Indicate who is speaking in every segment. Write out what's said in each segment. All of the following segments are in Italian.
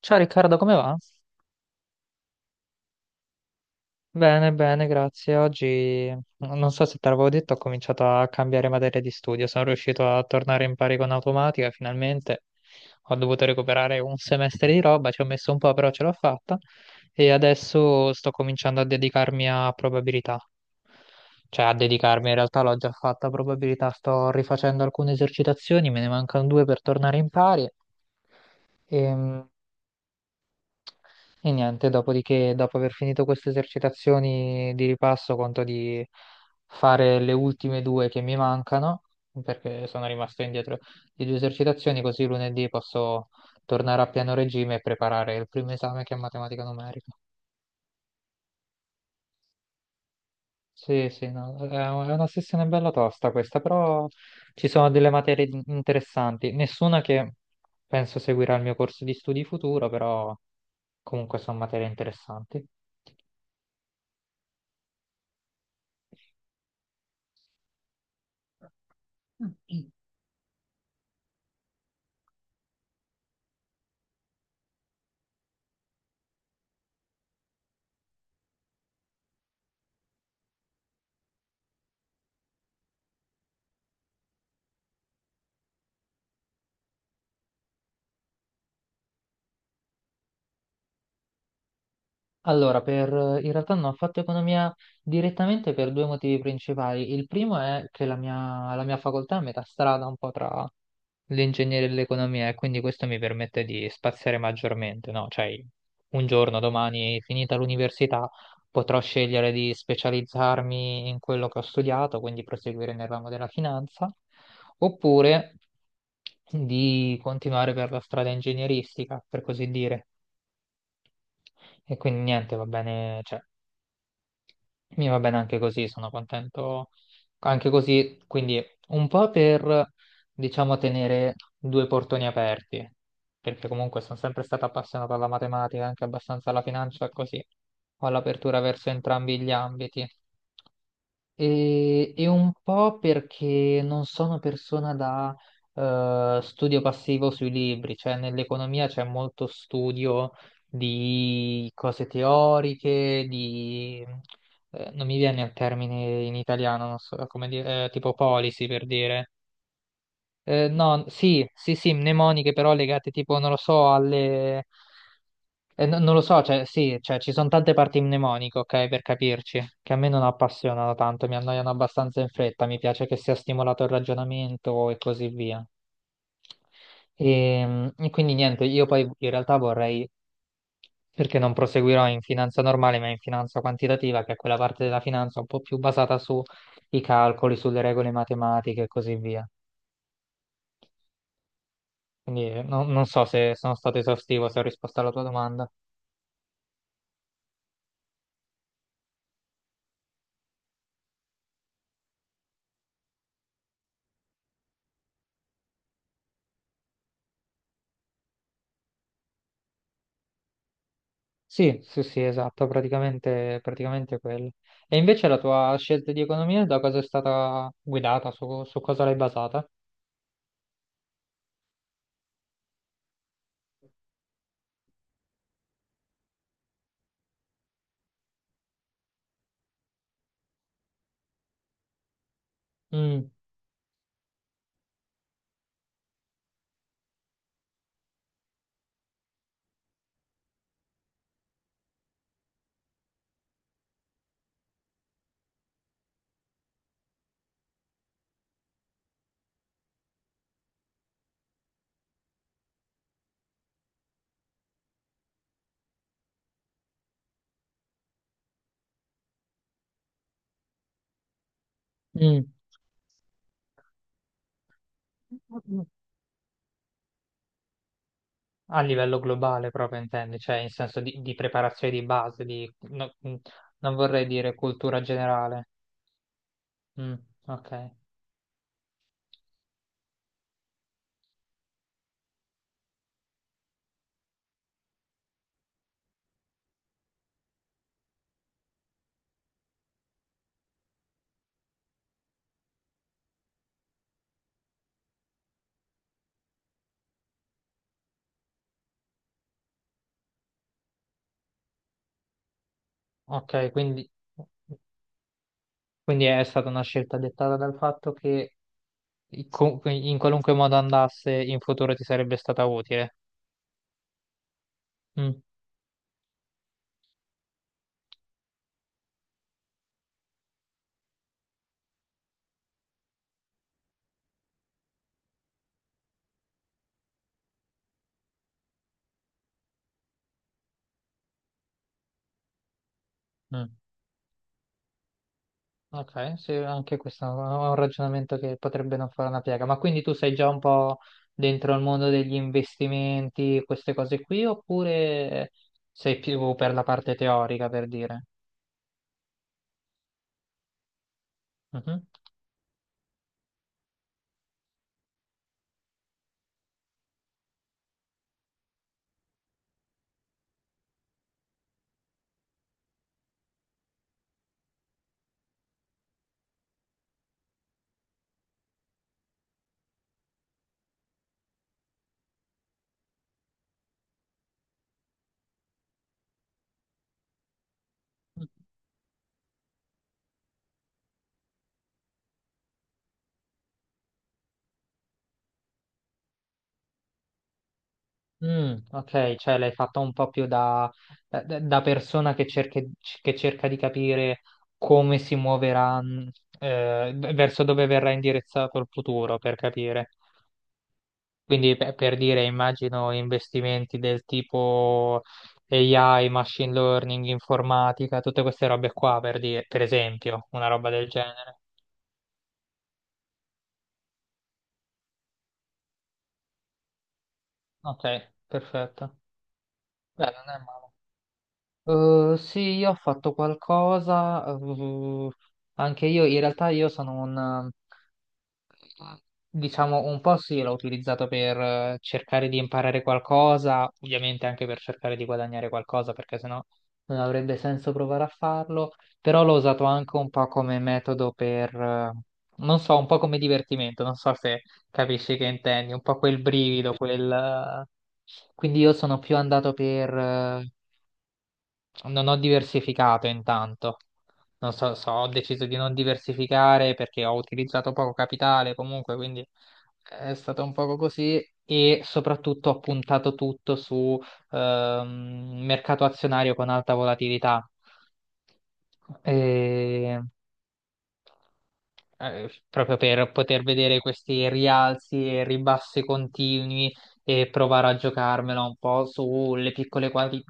Speaker 1: Ciao Riccardo, come va? Bene, bene, grazie. Oggi, non so se te l'avevo detto, ho cominciato a cambiare materia di studio. Sono riuscito a tornare in pari con automatica, finalmente. Ho dovuto recuperare un semestre di roba, ci ho messo un po', però ce l'ho fatta. E adesso sto cominciando a dedicarmi a probabilità. Cioè, a dedicarmi, in realtà l'ho già fatta a probabilità. Sto rifacendo alcune esercitazioni, me ne mancano due per tornare in pari. Ehm, E niente, dopodiché, dopo aver finito queste esercitazioni di ripasso, conto di fare le ultime due che mi mancano, perché sono rimasto indietro di due esercitazioni, così lunedì posso tornare a pieno regime e preparare il primo esame che è matematica numerica. Sì, sì, no, è una sessione bella tosta questa, però ci sono delle materie interessanti, nessuna che penso seguirà il mio corso di studi futuro, però comunque sono materie interessanti. Allora, per, In realtà non ho fatto economia direttamente per due motivi principali. Il primo è che la mia facoltà è a metà strada un po' tra l'ingegneria e l'economia, e quindi questo mi permette di spaziare maggiormente, no? Cioè, un giorno, domani, finita l'università, potrò scegliere di specializzarmi in quello che ho studiato, quindi proseguire nel ramo della finanza, oppure di continuare per la strada ingegneristica, per così dire. E quindi niente, va bene, cioè, mi va bene anche così, sono contento anche così, quindi un po' per, diciamo, tenere due portoni aperti, perché comunque sono sempre stato appassionato alla matematica, anche abbastanza alla finanza, così ho l'apertura verso entrambi gli ambiti. E un po' perché non sono persona da studio passivo sui libri, cioè nell'economia c'è molto studio di cose teoriche. Non mi viene il termine in italiano, non so come dire, tipo policy per dire, no, sì, sì, sì, mnemoniche, però legate tipo, non lo so, alle... no- non lo so, cioè sì, cioè ci sono tante parti mnemoniche, ok, per capirci, che a me non appassionano tanto, mi annoiano abbastanza in fretta, mi piace che sia stimolato il ragionamento e così via. E quindi niente, io poi in realtà vorrei, perché non proseguirò in finanza normale, ma in finanza quantitativa, che è quella parte della finanza un po' più basata sui calcoli, sulle regole matematiche e così via. Quindi non so se sono stato esaustivo, se ho risposto alla tua domanda. Sì, sì, sì, esatto, praticamente quello. E invece la tua scelta di economia da cosa è stata guidata, su cosa l'hai basata? Mm, mm. A livello globale proprio intendi, cioè in senso di preparazione di base, di, no- mm, non vorrei dire cultura generale. Mm, ok, ok, quindi è stata una scelta dettata dal fatto che in qualunque modo andasse in futuro ti sarebbe stata utile. Mm, mm. Ok, sì, anche questo è un ragionamento che potrebbe non fare una piega. Ma quindi tu sei già un po' dentro il mondo degli investimenti, queste cose qui, oppure sei più per la parte teorica, per dire? Mhm. Mm, ok, cioè l'hai fatto un po' più da persona che cerca di capire come si muoverà, verso dove verrà indirizzato il futuro, per capire. Quindi per dire, immagino investimenti del tipo AI, machine learning, informatica, tutte queste robe qua, per dire, per esempio, una roba del genere. Ok, perfetto. Beh, non è male. Sì, io ho fatto qualcosa, anche io in realtà io sono un, eh, diciamo, un po' sì, l'ho utilizzato per cercare di imparare qualcosa, ovviamente anche per cercare di guadagnare qualcosa, perché sennò non avrebbe senso provare a farlo, però l'ho usato anche un po' come metodo per, non so, un po' come divertimento, non so se capisci che intendi, un po' quel brivido, quindi io sono più andato non ho diversificato intanto. Non so, ho deciso di non diversificare perché ho utilizzato poco capitale comunque, quindi è stato un poco così, e soprattutto ho puntato tutto su mercato azionario con alta volatilità, proprio per poter vedere questi rialzi e ribassi continui e provare a giocarmela un po' sulle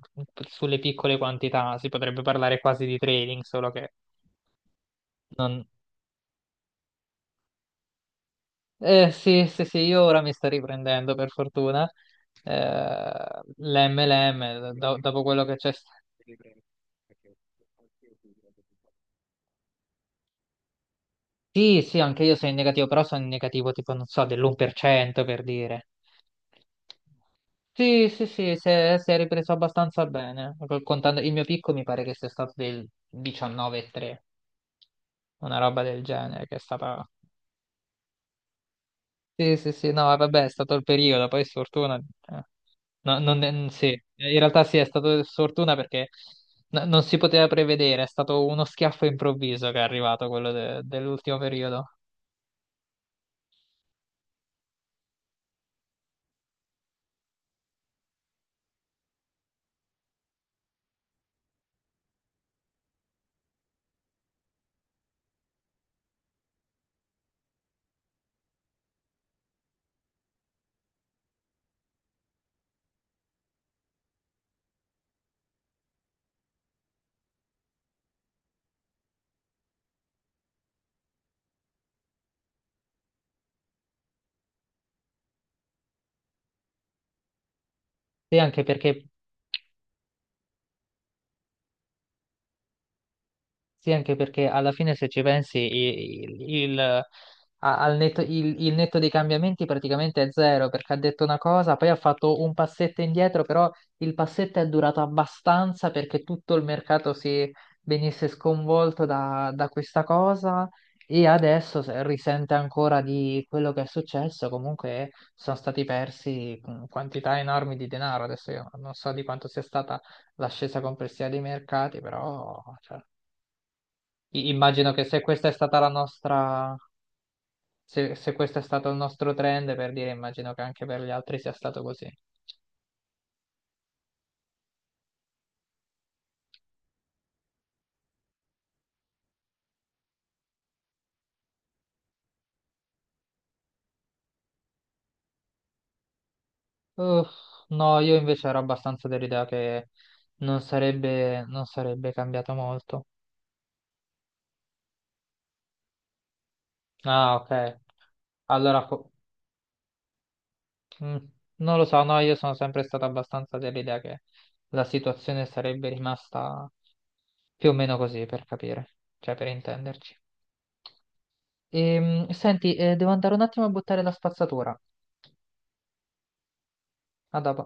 Speaker 1: sulle piccole quantità. Si potrebbe parlare quasi di trading, solo che non... eh, sì, sì, sì, io ora mi sto riprendendo per fortuna. l'MLM, dopo quello che c'è. Sì, sì, anche io sono in negativo, però sono in negativo tipo, non so, dell'1% per cento per dire. Sì, sì, sì, si è ripreso abbastanza bene. Contando il mio picco mi pare che sia stato del 19,3, una roba del genere che è stata... Sì, sì, sì, no, vabbè, è stato il periodo, poi sfortuna... no, non è- mm, sì, in realtà sì, è stato sfortuna perché non si poteva prevedere, è stato uno schiaffo improvviso che è arrivato quello dell'ultimo periodo. Sì, anche perché Sì, anche perché alla fine se ci pensi, il netto dei cambiamenti praticamente è zero, perché ha detto una cosa, poi ha fatto un passetto indietro, però il passetto è durato abbastanza perché tutto il mercato si venisse sconvolto da questa cosa, e adesso risente ancora di quello che è successo. Comunque sono stati persi quantità enormi di denaro. Adesso io non so di quanto sia stata l'ascesa complessiva dei mercati, però... cioè, immagino che se questa è stata la nostra, se questo è stato il nostro trend, per dire, immagino che anche per gli altri sia stato così. Uff, no, io invece ero abbastanza dell'idea che non sarebbe cambiato molto. Ah, ok. Allora, fo- mm, non lo so, no, io sono sempre stato abbastanza dell'idea che la situazione sarebbe rimasta più o meno così, per capire, cioè per intenderci. Senti, devo andare un attimo a buttare la spazzatura. A dopo.